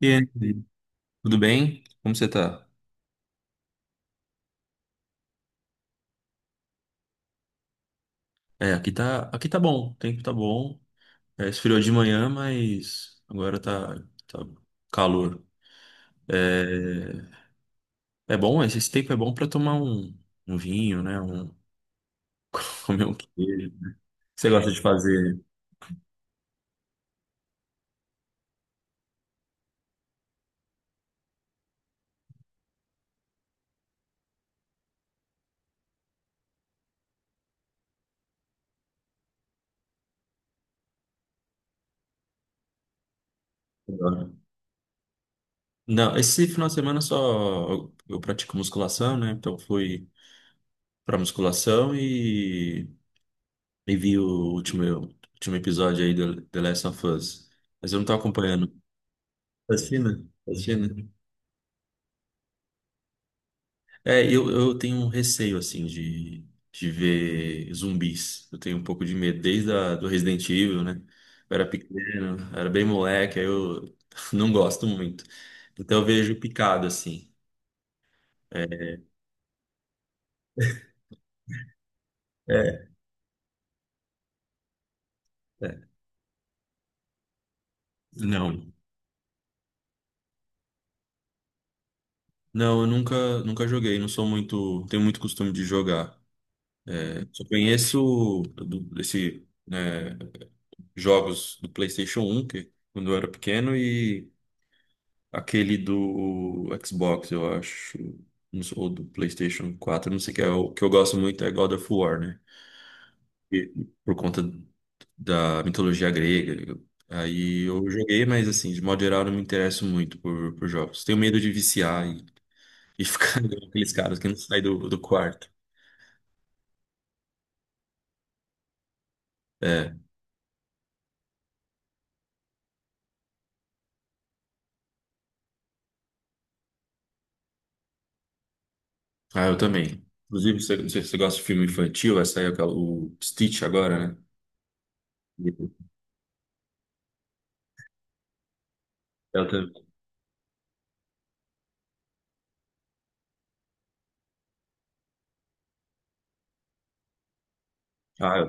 E aí, tudo bem? Como você tá? Aqui tá, aqui tá bom, o tempo tá bom. É, esfriou de manhã, mas agora tá, tá calor. É, é bom, esse tempo é bom pra tomar um, um vinho, né? Um, comer um queijo. Você gosta de fazer? Não, esse final de semana só eu pratico musculação, né? Então fui pra musculação e vi o último, último episódio aí do The Last of Us. Mas eu não tô acompanhando. Fascina, fascina. Eu tenho um receio, assim, de ver zumbis. Eu tenho um pouco de medo, desde a, do Resident Evil, né? Eu era pequeno, era bem moleque, aí eu não gosto muito. Então eu vejo picado, assim. É, é, é. Não. Não, eu nunca, nunca joguei, não sou muito, tenho muito costume de jogar. Só conheço do, desse, né, jogos do PlayStation 1, que quando eu era pequeno, aquele do Xbox, eu acho, não sei. Ou do PlayStation 4, não sei o que é. O que eu gosto muito é God of War, né? E por conta da mitologia grega. Aí eu joguei, mas, assim, de modo geral, eu não me interesso muito por jogos. Tenho medo de viciar e ficar igual aqueles caras que não saem do, do quarto. É. Ah, eu também. Inclusive, você, não sei se você gosta de filme infantil, vai sair aquela- o Stitch agora, né? Eu também. Ah,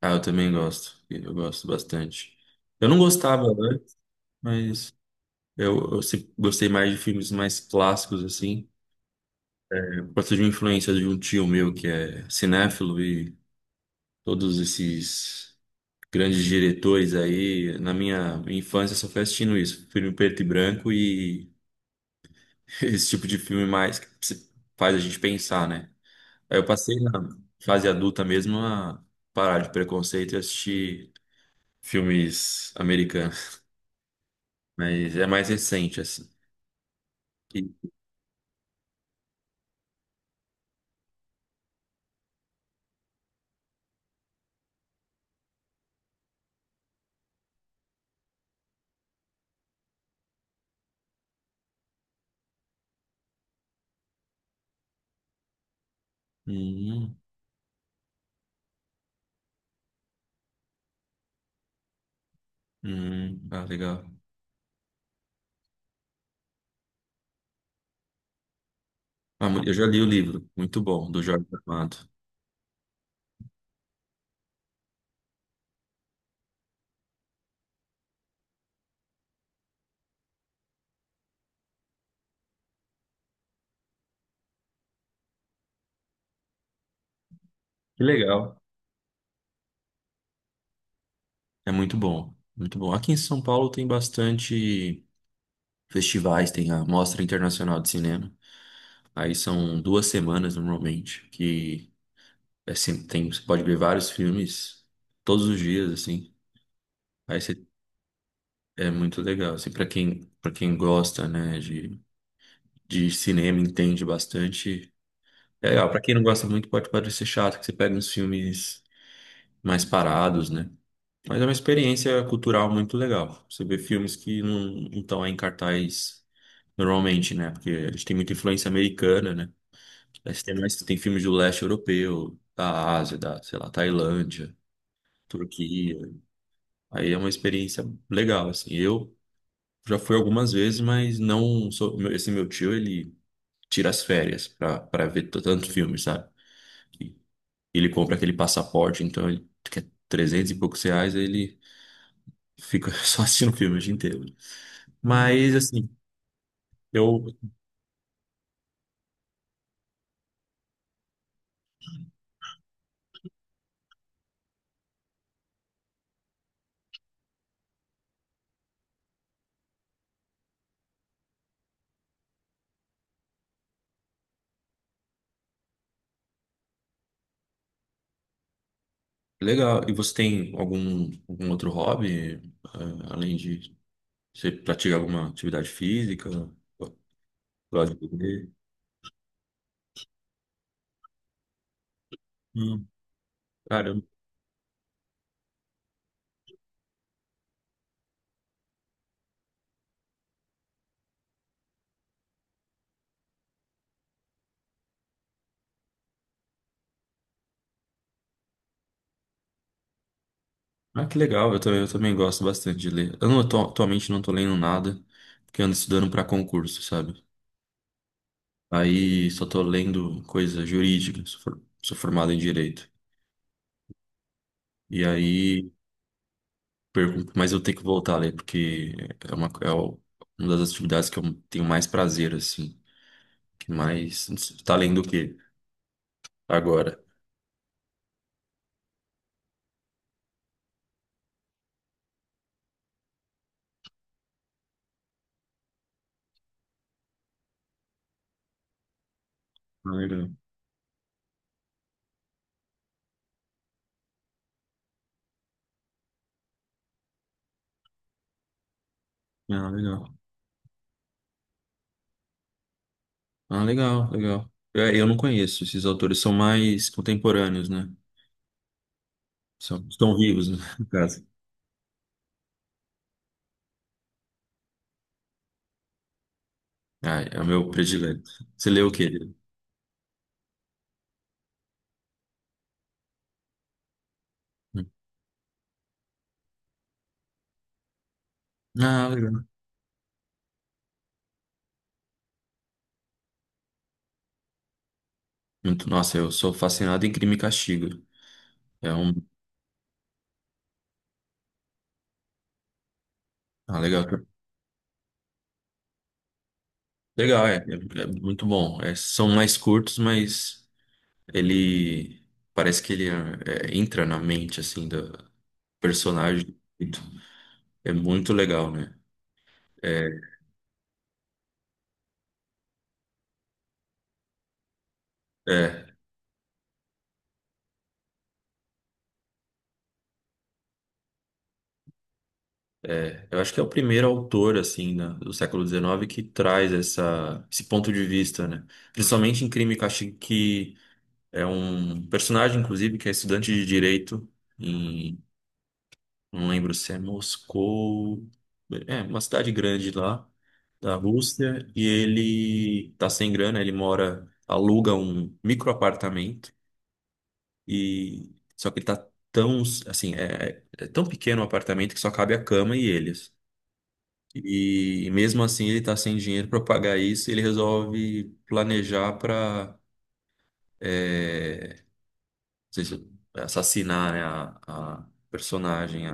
ah, eu também gosto. Eu gosto bastante. Eu não gostava antes, mas eu sempre gostei mais de filmes mais clássicos, assim. Eu gosto de uma influência de um tio meu que é cinéfilo e todos esses grandes diretores aí. Na minha infância, eu só fui assistindo isso. Filme preto e branco e esse tipo de filme mais que se- faz a gente pensar, né? Aí eu passei na fase adulta mesmo a parar de preconceito e assistir filmes americanos. Mas é mais recente, assim. E- hum, ah, legal. Ah, mu- eu já li o livro, muito bom, do Jorge Amado. Que legal. É muito bom, muito bom. Aqui em São Paulo tem bastante festivais, tem a Mostra Internacional de Cinema. Aí são duas semanas normalmente, que é sempre, tem, você pode ver vários filmes todos os dias, assim. Aí você, é muito legal, assim, para quem gosta, né, de cinema, entende bastante. É, ó, pra quem não gosta muito, pode parecer chato que você pega uns filmes mais parados, né? Mas é uma experiência cultural muito legal. Você vê filmes que não estão aí em cartaz normalmente, né? Porque a gente tem muita influência americana, né? Aí você tem mais, tem filmes do leste europeu, da Ásia, da, sei lá, Tailândia, Turquia. Aí é uma experiência legal, assim. Eu já fui algumas vezes, mas não sou, meu- esse meu tio, ele tira as férias pra, pra ver t- tanto filme, sabe? Ele compra aquele passaporte, então ele quer 300 e poucos reais, aí ele fica só assistindo filme o dia inteiro. Uhum. Mas, assim, eu. Legal. E você tem algum, algum outro hobby, ah, além de. Você pratica alguma atividade física? Gosta de ler? Hum, caramba. Ah, que legal. Eu também gosto bastante de ler. Eu não, atu- atualmente não tô lendo nada, porque eu ando estudando para concurso, sabe? Aí só tô lendo coisa jurídica, sou, for- sou formado em direito. E aí pergunto, mas eu tenho que voltar ali, porque é uma, é o- uma das atividades que eu tenho mais prazer, assim. Que mais. Não tá além do que agora. Ah, legal. Ah, legal. Ah, legal, legal. Eu, não conheço, esses autores são mais contemporâneos, né? São, estão vivos, né? No caso. Ah, é o meu predileto. Você leu o quê? Ah, legal. Muito- nossa, eu sou fascinado em Crime e Castigo. É um. Ah, legal. Legal, é. É, é muito bom. É, são mais curtos, mas. Ele parece que ele é, é, entra na mente assim do personagem. É muito legal, né? É, é, é. Eu acho que é o primeiro autor assim da- do século XIX que traz essa, esse ponto de vista, né? Principalmente em Crime e Castigo, que é um personagem, inclusive, que é estudante de direito. Não lembro se é Moscou. É, uma cidade grande lá da Rússia. E ele tá sem grana, ele mora, aluga um microapartamento. E só que ele tá tão, assim, é, é tão pequeno o apartamento que só cabe a cama e eles. E mesmo assim ele tá sem dinheiro para pagar isso, e ele resolve planejar para assassinar, né, a personagem.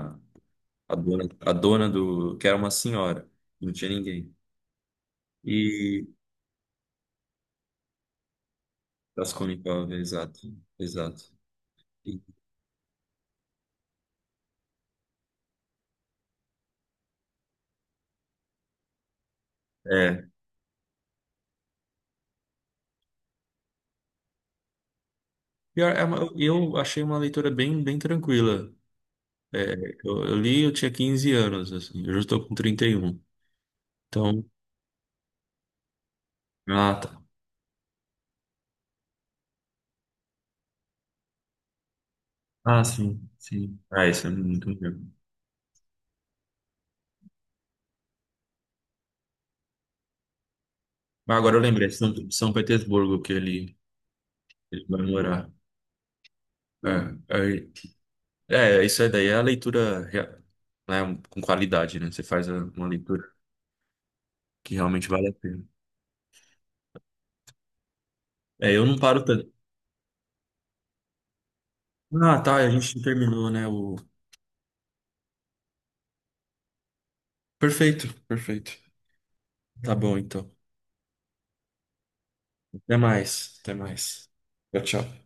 A dona do. Que era uma senhora, não tinha ninguém. E. Raskolnikov, exato, exato. E- é. Pior, é uma- eu achei uma leitura bem, bem tranquila. É, eu li, eu tinha 15 anos, assim, eu já estou com 31. Então. Ah, tá. Ah, sim, sim. Ah, isso é muito legal. Mas agora eu lembrei, São, São Petersburgo que ele vai morar. É, é, é, isso aí daí é a leitura, rea- né, com qualidade, né? Você faz a- uma leitura que realmente vale a pena. É, eu não paro tanto. Ah, tá, a gente terminou, né? O... Perfeito, perfeito. Tá bom, então. Até mais, até mais. Tchau, tchau.